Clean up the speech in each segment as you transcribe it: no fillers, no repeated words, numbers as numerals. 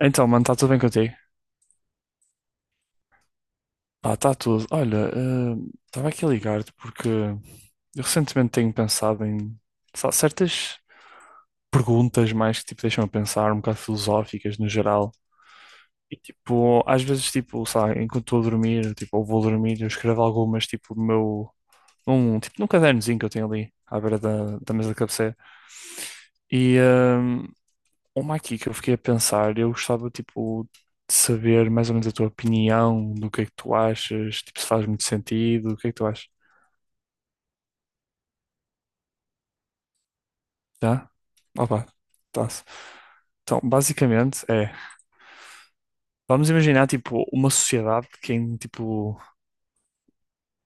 Então, mano, está tudo bem contigo? Pá, está tudo. Olha, estava aqui a ligar-te porque eu recentemente tenho pensado em só certas perguntas mais que tipo, deixam a pensar, um bocado filosóficas no geral. E tipo, às vezes, tipo, sabe, enquanto estou a dormir, tipo, ou vou dormir, eu escrevo algumas, tipo, no meu, tipo, num cadernozinho que eu tenho ali à beira da mesa de cabeceira. E, eh, Uma aqui que eu fiquei a pensar, eu gostava, tipo, de saber mais ou menos a tua opinião, do que é que tu achas, tipo, se faz muito sentido, o que é que tu achas? Tá? Opa, tá-se. Então, basicamente é, vamos imaginar, tipo, uma sociedade que em, tipo,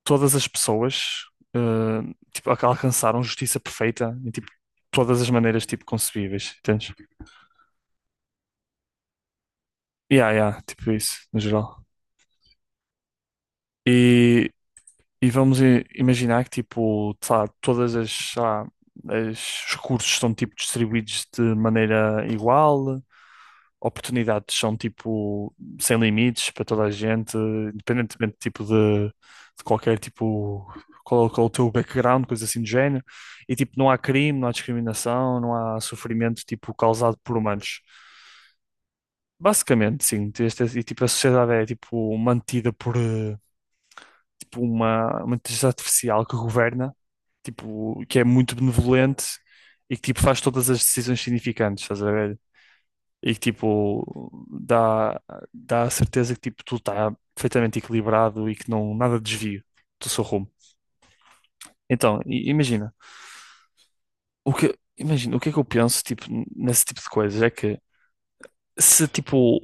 todas as pessoas, eh, tipo, alcançaram justiça perfeita em, tipo, todas as maneiras, tipo, concebíveis, entendes? Yeah, yeah, tipo isso, no geral. E E vamos imaginar que, tipo, sei lá, todas as, sei lá, as- os recursos estão, tipo, distribuídos de maneira igual, oportunidades são, tipo, sem limites para toda a gente, independentemente, tipo, de qualquer, tipo, qual é o teu background, coisa assim do género. E, tipo, não há crime, não há discriminação, não há sofrimento, tipo, causado por humanos. Basicamente, sim. E, tipo, a sociedade é, tipo, mantida por... eh, tipo uma inteligência artificial que governa, tipo, que é muito benevolente e que tipo faz todas as decisões significantes, estás a ver? E que tipo dá, dá a certeza que tipo tudo está perfeitamente equilibrado e que não nada desvio do seu rumo. Então, imagina, o que é que eu penso tipo nesse tipo de coisas é que se tipo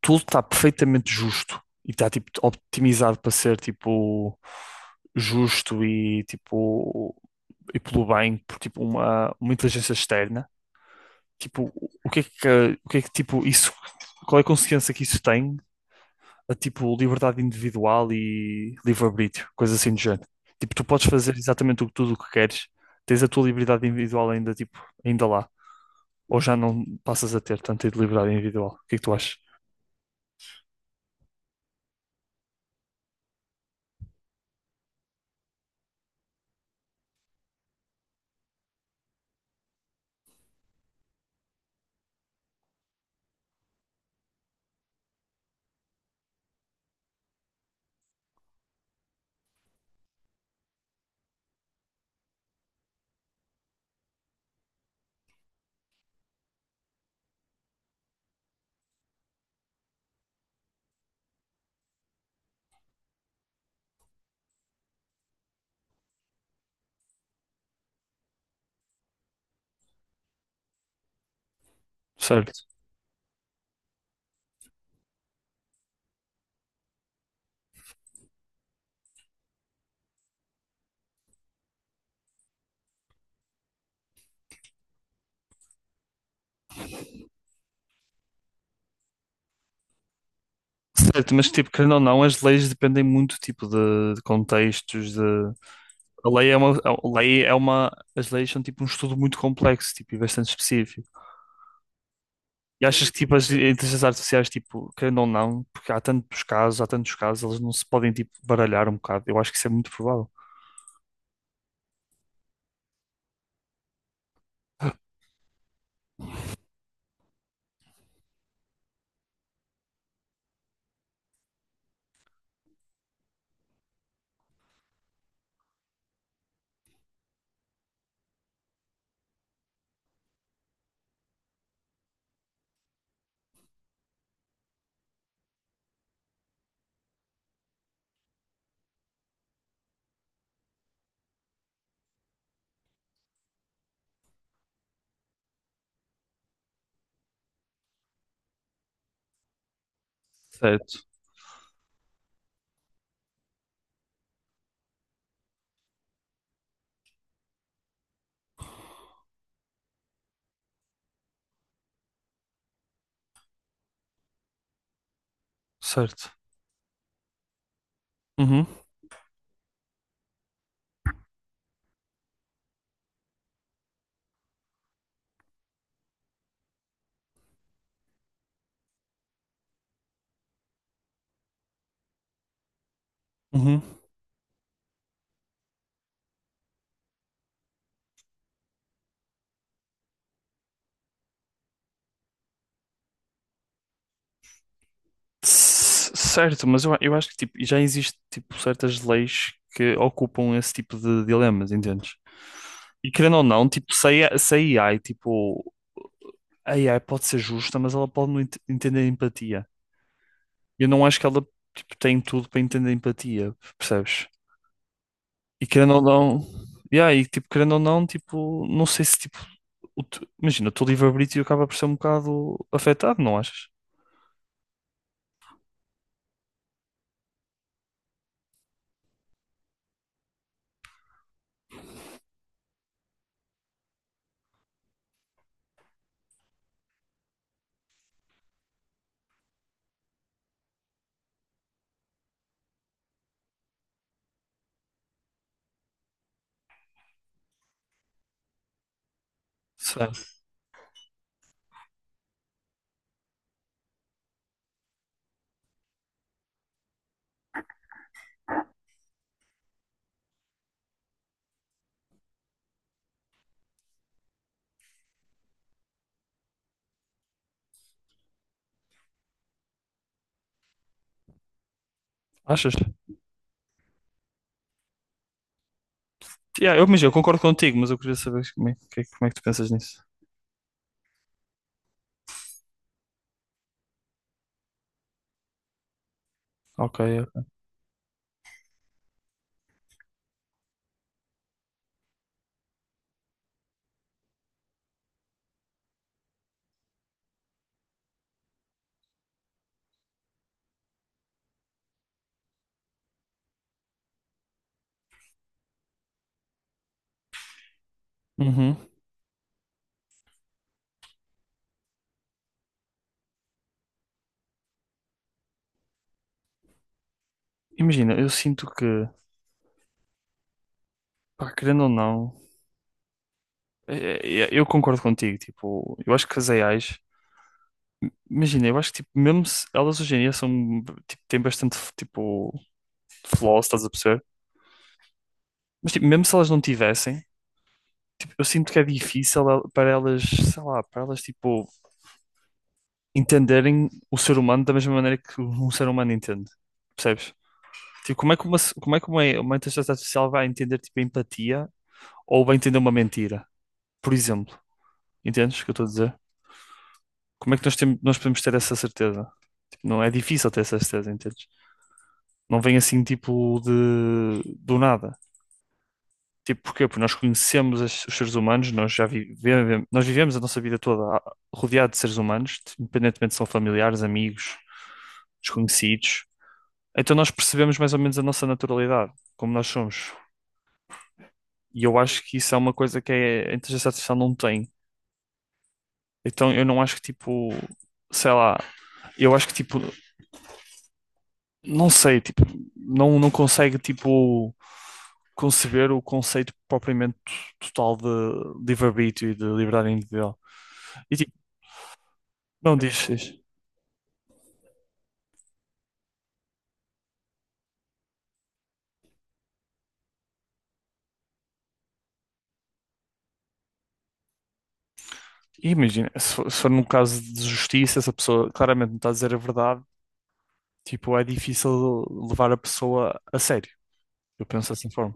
tudo está perfeitamente justo e está tipo optimizado para ser tipo justo e tipo e pelo bem por tipo uma inteligência externa, tipo, o que é que, o que é que tipo isso, qual é a consequência que isso tem a tipo liberdade individual e livre-arbítrio, coisa assim do género. Tipo, tu podes fazer exatamente tudo o que queres, tens a tua liberdade individual ainda tipo, ainda lá, ou já não passas a ter tanta liberdade individual. O que é que tu achas? Certo. Certo, mas tipo, querendo ou não, as leis dependem muito tipo de contextos, de A lei é uma, a lei é uma, as leis são tipo um estudo muito complexo, tipo, e bastante específico. E achas que tipo as inteligências artificiais, tipo, querendo ou não, porque há tantos casos, elas não se podem tipo baralhar um bocado. Eu acho que isso é muito provável. Certo, certo. Uhum, uhum. C- Certo, mas eu acho que tipo, já existe tipo certas leis que ocupam esse tipo de dilemas, entendes? E querendo ou não, tipo, se a AI, tipo, a AI pode ser justa, mas ela pode não ent- entender empatia. Eu não acho que ela tipo, tem tudo para entender empatia, percebes? E querendo ou não, yeah, e tipo, querendo ou não, tipo, não sei se tipo, imagina, o teu livre-arbítrio acaba por ser um bocado afetado, não achas? Será? Achas? Yeah, eu, imagina, eu concordo contigo, mas eu queria saber como é que tu pensas nisso. Ok. É. Uhum. Imagina, eu sinto que, pá, querendo ou não, eu concordo contigo, tipo, eu acho que as AIs, imagina, eu acho que tipo, mesmo se elas hoje em dia são, tipo, têm bastante, tipo, flaws, estás a perceber? Mas tipo, mesmo se elas não tivessem, tipo, eu sinto que é difícil para elas, sei lá, para elas tipo entenderem o ser humano da mesma maneira que um ser humano entende. Percebes? Tipo, como é que uma inteligência artificial vai entender tipo a empatia ou vai entender uma mentira? Por exemplo, entendes o que eu estou a dizer? Como é que nós, temos, nós podemos ter essa certeza? Tipo, não é difícil ter essa certeza, entendes? Não vem assim tipo de do nada. Tipo, porquê? Porque nós conhecemos os seres humanos, nós já vivemos, nós vivemos a nossa vida toda rodeado de seres humanos, independentemente se são familiares, amigos, desconhecidos. Então nós percebemos mais ou menos a nossa naturalidade, como nós somos. E eu acho que isso é uma coisa a inteligência artificial não tem. Então eu não acho que tipo, sei lá, eu acho que tipo, não sei, tipo, não consegue tipo conceber o conceito propriamente total de livre-arbítrio e de liberdade individual. E Não dizes. E imagina, se for num caso de justiça, se a pessoa claramente não está a dizer a verdade, tipo, é difícil levar a pessoa a sério. Eu penso dessa forma.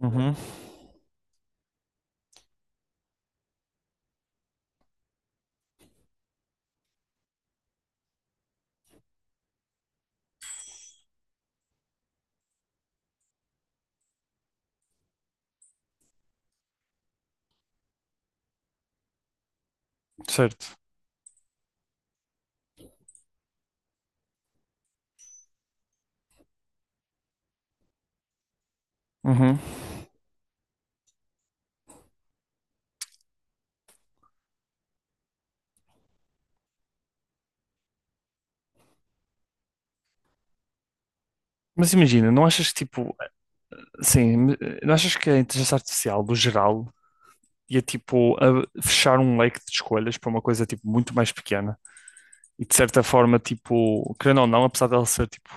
Uhum, certo. Uhum. Mas imagina, não achas que tipo, assim, não achas que a inteligência artificial, no geral, ia tipo a fechar um leque de escolhas para uma coisa tipo muito mais pequena? E de certa forma, tipo, querendo ou não, apesar dela ser tipo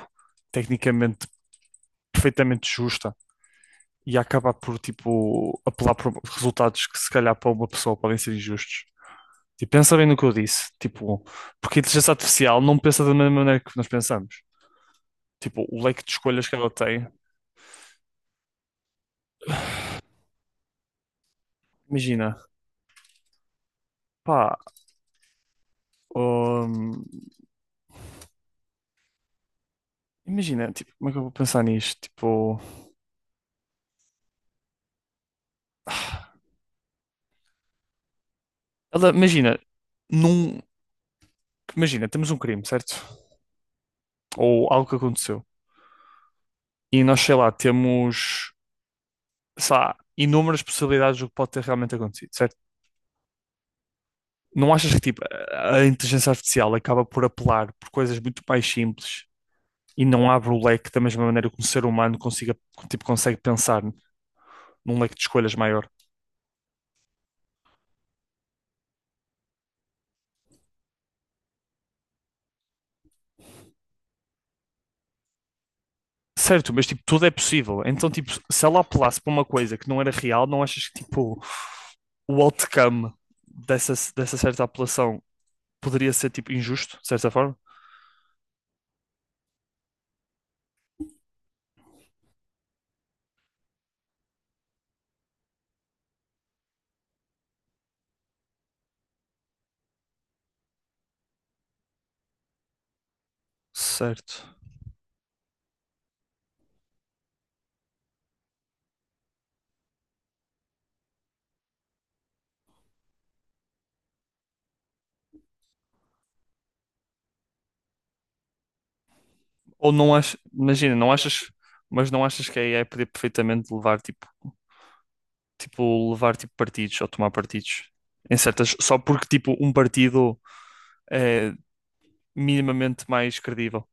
tecnicamente perfeitamente justa e acabar por, tipo, apelar por resultados que, se calhar, para uma pessoa podem ser injustos. Tipo, pensa bem no que eu disse, tipo, porque a inteligência artificial não pensa da mesma maneira que nós pensamos. Tipo, o leque de escolhas que ela tem, imagina, pá, hum, imagina, tipo, como é que eu vou pensar nisto? Tipo, imagina, num, imagina, temos um crime, certo? Ou algo que aconteceu. E nós, sei lá, temos, sei lá, inúmeras possibilidades do que pode ter realmente acontecido, certo? Não achas que tipo, a inteligência artificial acaba por apelar por coisas muito mais simples e não abre o leque da mesma maneira que um ser humano consiga, tipo, consegue pensar num leque de escolhas maior? Certo, mas tipo, tudo é possível. Então, tipo, se ela apelasse para uma coisa que não era real, não achas que tipo, o outcome dessa certa apelação poderia ser tipo injusto, de certa forma? Certo. Ou não achas, imagina, não achas, mas não achas que a AI podia perfeitamente levar tipo, tipo, levar tipo partidos ou tomar partidos em certas, só porque tipo um partido é minimamente mais credível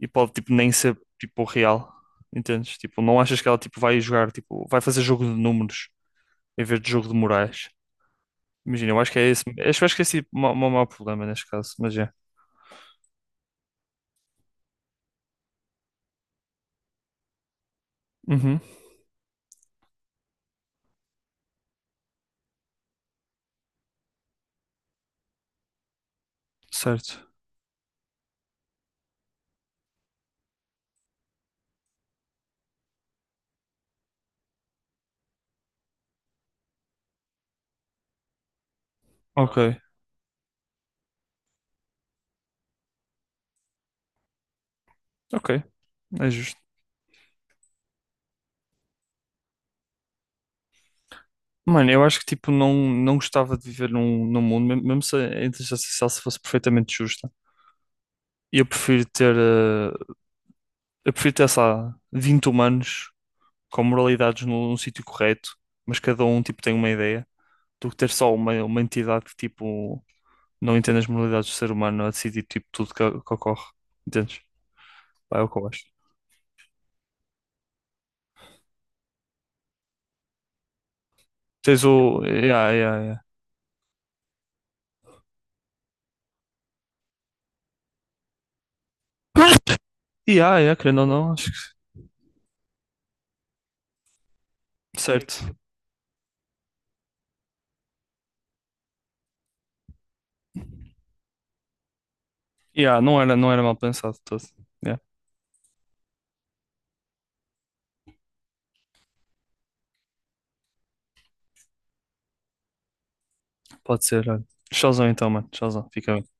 e pode tipo nem ser tipo real, entendes? Tipo, não achas que ela tipo vai jogar, tipo, vai fazer jogo de números em vez de jogo de morais? Imagina, eu acho que é esse, acho, acho que é esse o maior problema neste caso, mas é. Uhum, certo. Ok, ok, é justo. Mano, eu acho que tipo não, não gostava de viver num, num mundo, mesmo mesmo se a inteligência artificial se fosse perfeitamente justa. Eu prefiro ter, eh, eu prefiro ter, sei lá, 20 humanos com moralidades num, num sítio correto, mas cada um tipo tem uma ideia, do que ter só uma entidade que tipo não entende as moralidades do ser humano a decidir tipo tudo que ocorre. Entendes? Pá, é o que eu acho. Tens o. Yeah, yeah, yeah. Yeah, yeah, querendo ou não, acho que certo. Yeah, não era, não era mal pensado todo. Yeah. Pode ser, olha. Tchauzão então, mano. Tchauzão. Fica bem.